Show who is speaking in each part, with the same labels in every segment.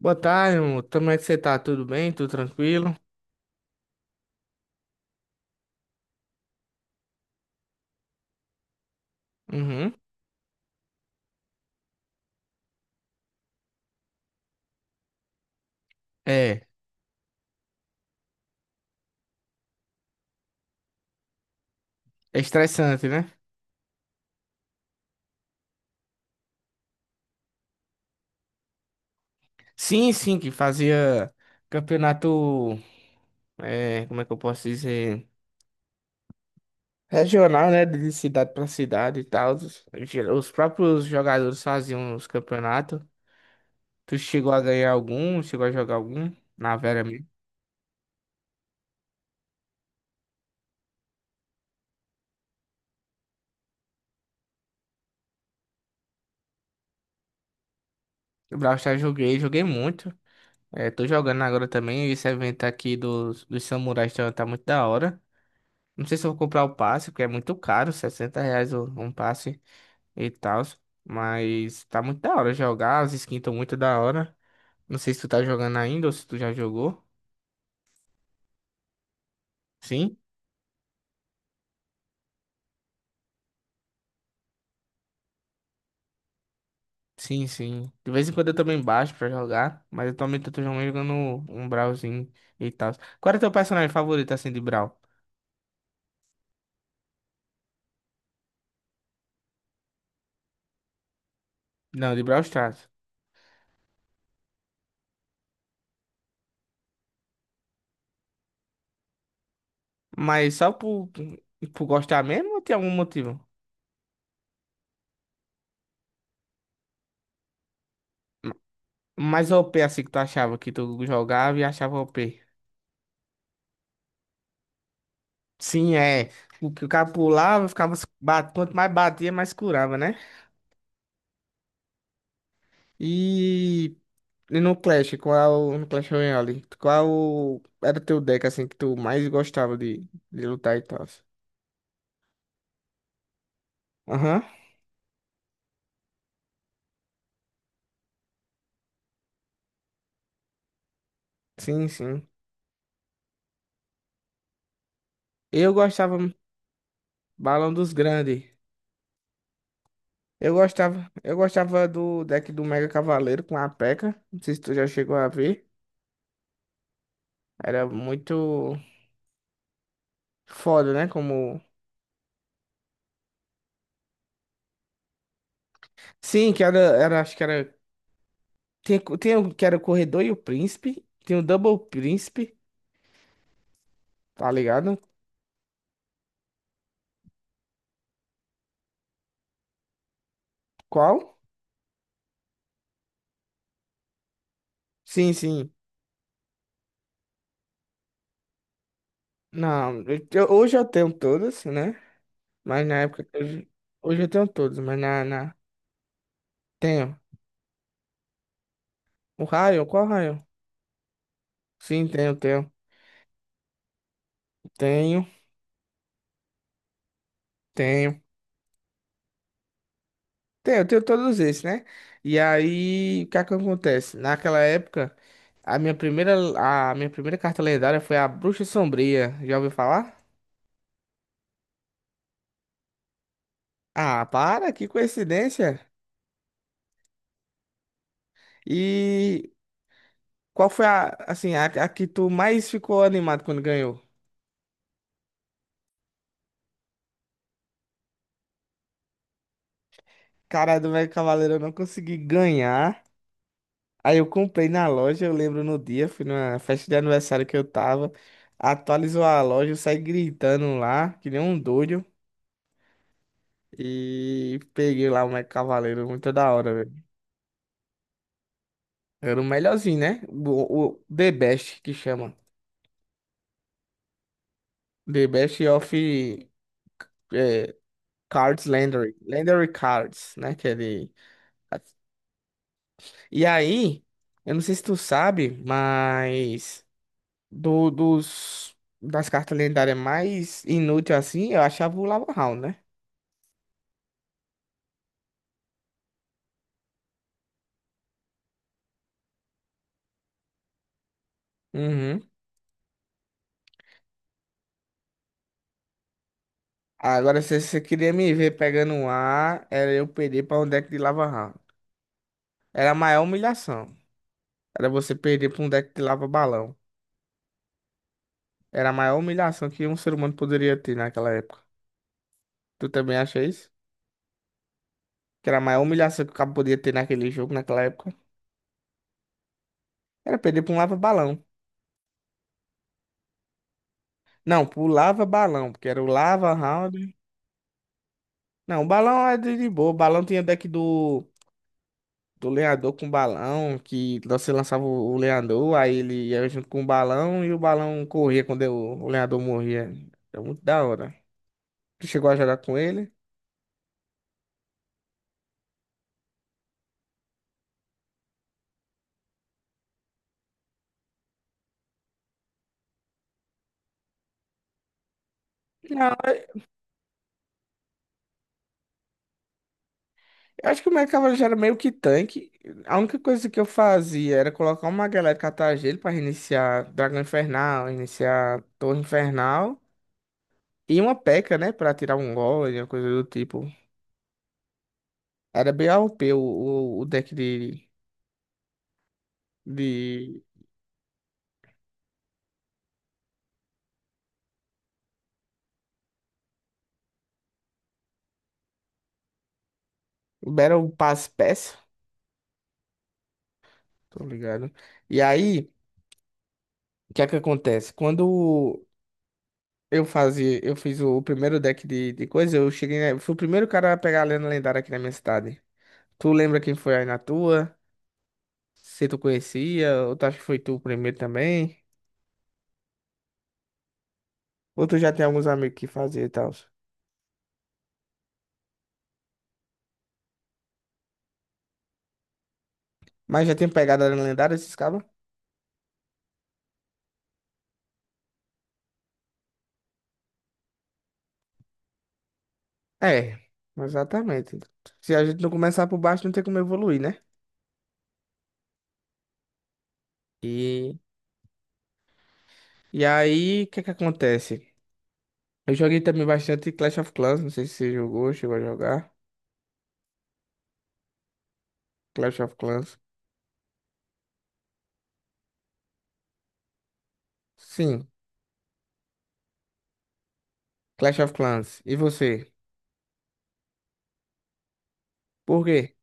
Speaker 1: Boa tarde, amor. Como é que você tá? Tudo bem? Tudo tranquilo? Uhum. É, é estressante, né? Sim, sim, que fazia campeonato, é, como é que eu posso dizer? Regional, né? De cidade pra cidade e tal. Os próprios jogadores faziam os campeonatos. Tu chegou a ganhar algum? Chegou a jogar algum? Na Vera mesmo. O Brawl Stars joguei, joguei muito. É, tô jogando agora também. Esse evento aqui dos samurais tá muito da hora. Não sei se eu vou comprar o passe, porque é muito caro, R$ 60 um passe e tal. Mas tá muito da hora jogar, as skins estão muito da hora. Não sei se tu tá jogando ainda ou se tu já jogou. Sim? Sim, sim. De vez em quando eu também baixo pra jogar, mas atualmente eu tô jogando um Brawlzinho e tal. Qual é o teu personagem favorito assim de Brawl? Não, de Brawl Stars. Mas só por gostar mesmo ou tem algum motivo? Mais OP assim que tu achava que tu jogava e achava o OP? Sim, é. O que o cara pulava, ficava. Se bat- Quanto mais batia, mais curava, né? E, e no Clash, qual. No Clash Royale, qual era teu deck, assim, que tu mais gostava de lutar e tal? Aham, sim, sim. Eu gostava Balão dos Grandes. Eu gostava do deck do Mega Cavaleiro com a P.E.K.K.A. Não sei se tu já chegou a ver. Era muito foda, né? Como. Sim, era, acho que era. Tem o que era o Corredor e o Príncipe. Tem o Double Príncipe, tá ligado? Qual? Sim, sim. Não, eu- Hoje eu tenho todas, né? Mas na época. Hoje eu tenho todos, mas na... Tenho. O Raio, qual Raio? Sim, tenho, tenho. Tenho, tenho. Tenho, tenho todos esses, né? E aí, o que é que acontece? Naquela época, a minha primeira, a minha primeira carta lendária foi a Bruxa Sombria. Já ouviu falar? Ah, para, que coincidência. E qual foi assim, a que tu mais ficou animado quando ganhou? Cara, do Mega Cavaleiro eu não consegui ganhar. Aí eu comprei na loja, eu lembro no dia, fui numa festa de aniversário que eu tava. Atualizou a loja, eu saí gritando lá, que nem um doido. E peguei lá o Mega Cavaleiro, muito da hora, velho. Era o melhorzinho, né? O The Best, que chama. The Best of eh, Cards Legendary. Legendary Cards, né? Que é de e aí, eu não sei se tu sabe, mas dos das cartas lendárias mais inúteis assim, eu achava o Lava Hound, né? Uhum. Agora, se você queria me ver pegando um A, era eu perder pra um deck de Lava Hound. Era a maior humilhação. Era você perder pra um deck de Lava Balão. Era a maior humilhação que um ser humano poderia ter naquela época. Tu também acha isso? Que era a maior humilhação que o cabo podia ter naquele jogo, naquela época? Era perder pra um Lava Balão. Não, pro Lava Balão, porque era o Lava Round. Não, o balão é de boa. O balão tinha deck do lenhador com balão, que você lançava o lenhador, aí ele ia junto com o balão e o balão corria quando o lenhador morria. É muito da hora. Tu chegou a jogar com ele? Não, eu acho que o meu cavalo já era meio que tanque. A única coisa que eu fazia era colocar uma galera de catar gelo pra reiniciar Dragão Infernal, iniciar Torre Infernal e uma P.E.K.K.A, né, pra tirar um golem, uma coisa do tipo. Era bem AOP o, P o deck de Libera pass passe peça, tô ligado. E aí, o que é que acontece? Quando eu fazia, eu fiz o primeiro deck de coisa, eu cheguei, né, eu fui o primeiro cara a pegar a lenda lendária aqui na minha cidade. Tu lembra quem foi aí na tua? Se tu conhecia, ou tu acha que foi tu o primeiro também? Ou tu já tem alguns amigos que fazia e tal? Mas já tem pegado a lenda lendária esses cabos? É, exatamente. Se a gente não começar por baixo, não tem como evoluir, né? E, e aí, o que é que acontece? Eu joguei também bastante Clash of Clans, não sei se você jogou, chegou a jogar. Clash of Clans. Sim, Clash of Clans. E você? Por quê?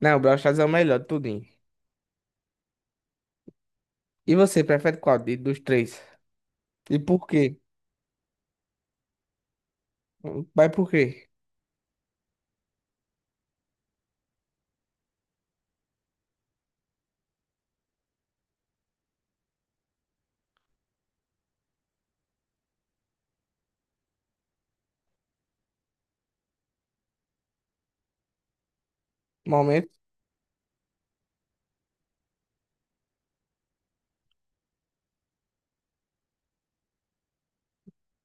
Speaker 1: Não, Brawl Stars é o melhor, de tudinho. E você, prefere qual dos três? E por quê? Vai por quê? Momento?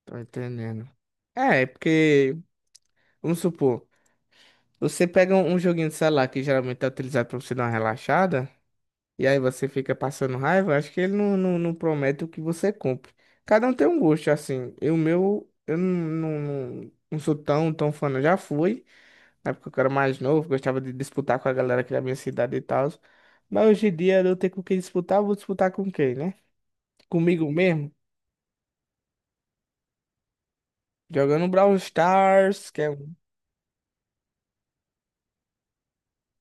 Speaker 1: Tô entendendo. É porque, vamos supor, você pega um um joguinho de celular que geralmente é utilizado pra você dar uma relaxada. E aí você fica passando raiva, acho que ele não promete o que você cumpre. Cada um tem um gosto, assim. Eu não, não sou tão, tão fã, não. Já fui, na época que eu era mais novo, gostava de disputar com a galera aqui da minha cidade e tal. Mas hoje em dia eu tenho com quem disputar, eu vou disputar com quem, né? Comigo mesmo? Jogando Brawl Stars, que é um...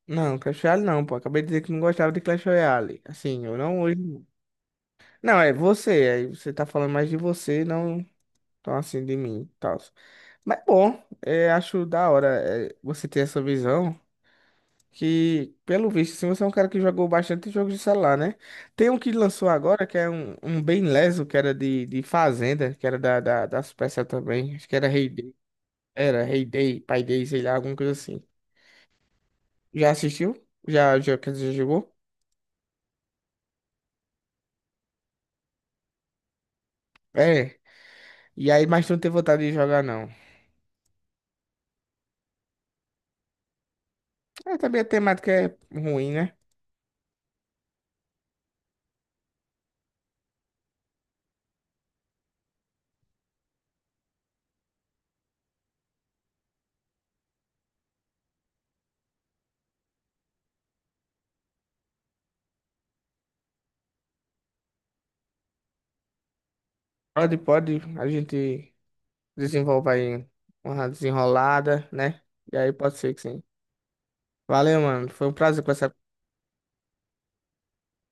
Speaker 1: Não, Clash Royale não, pô. Acabei de dizer que não gostava de Clash Royale. Assim, eu não hoje. Não, é você. Aí você tá falando mais de você, não tão assim de mim, tal. Mas é bom, é, acho da hora é, você ter essa visão. Que, pelo visto, assim, você é um cara que jogou bastante jogos de celular, né? Tem um que lançou agora, que é um, um bem leso, que era de Fazenda, que era da Supercell também. Acho que era Rei Day. Era Rei Day, Pai Day, sei lá, alguma coisa assim. Já assistiu? Já, já, quer dizer, já jogou? É. E aí, mas tu não tem vontade de jogar, não. É, também a temática é ruim, né? Pode, pode, a gente. Desenvolva aí uma desenrolada, né? E aí pode ser que sim. Valeu, mano. Foi um prazer conversar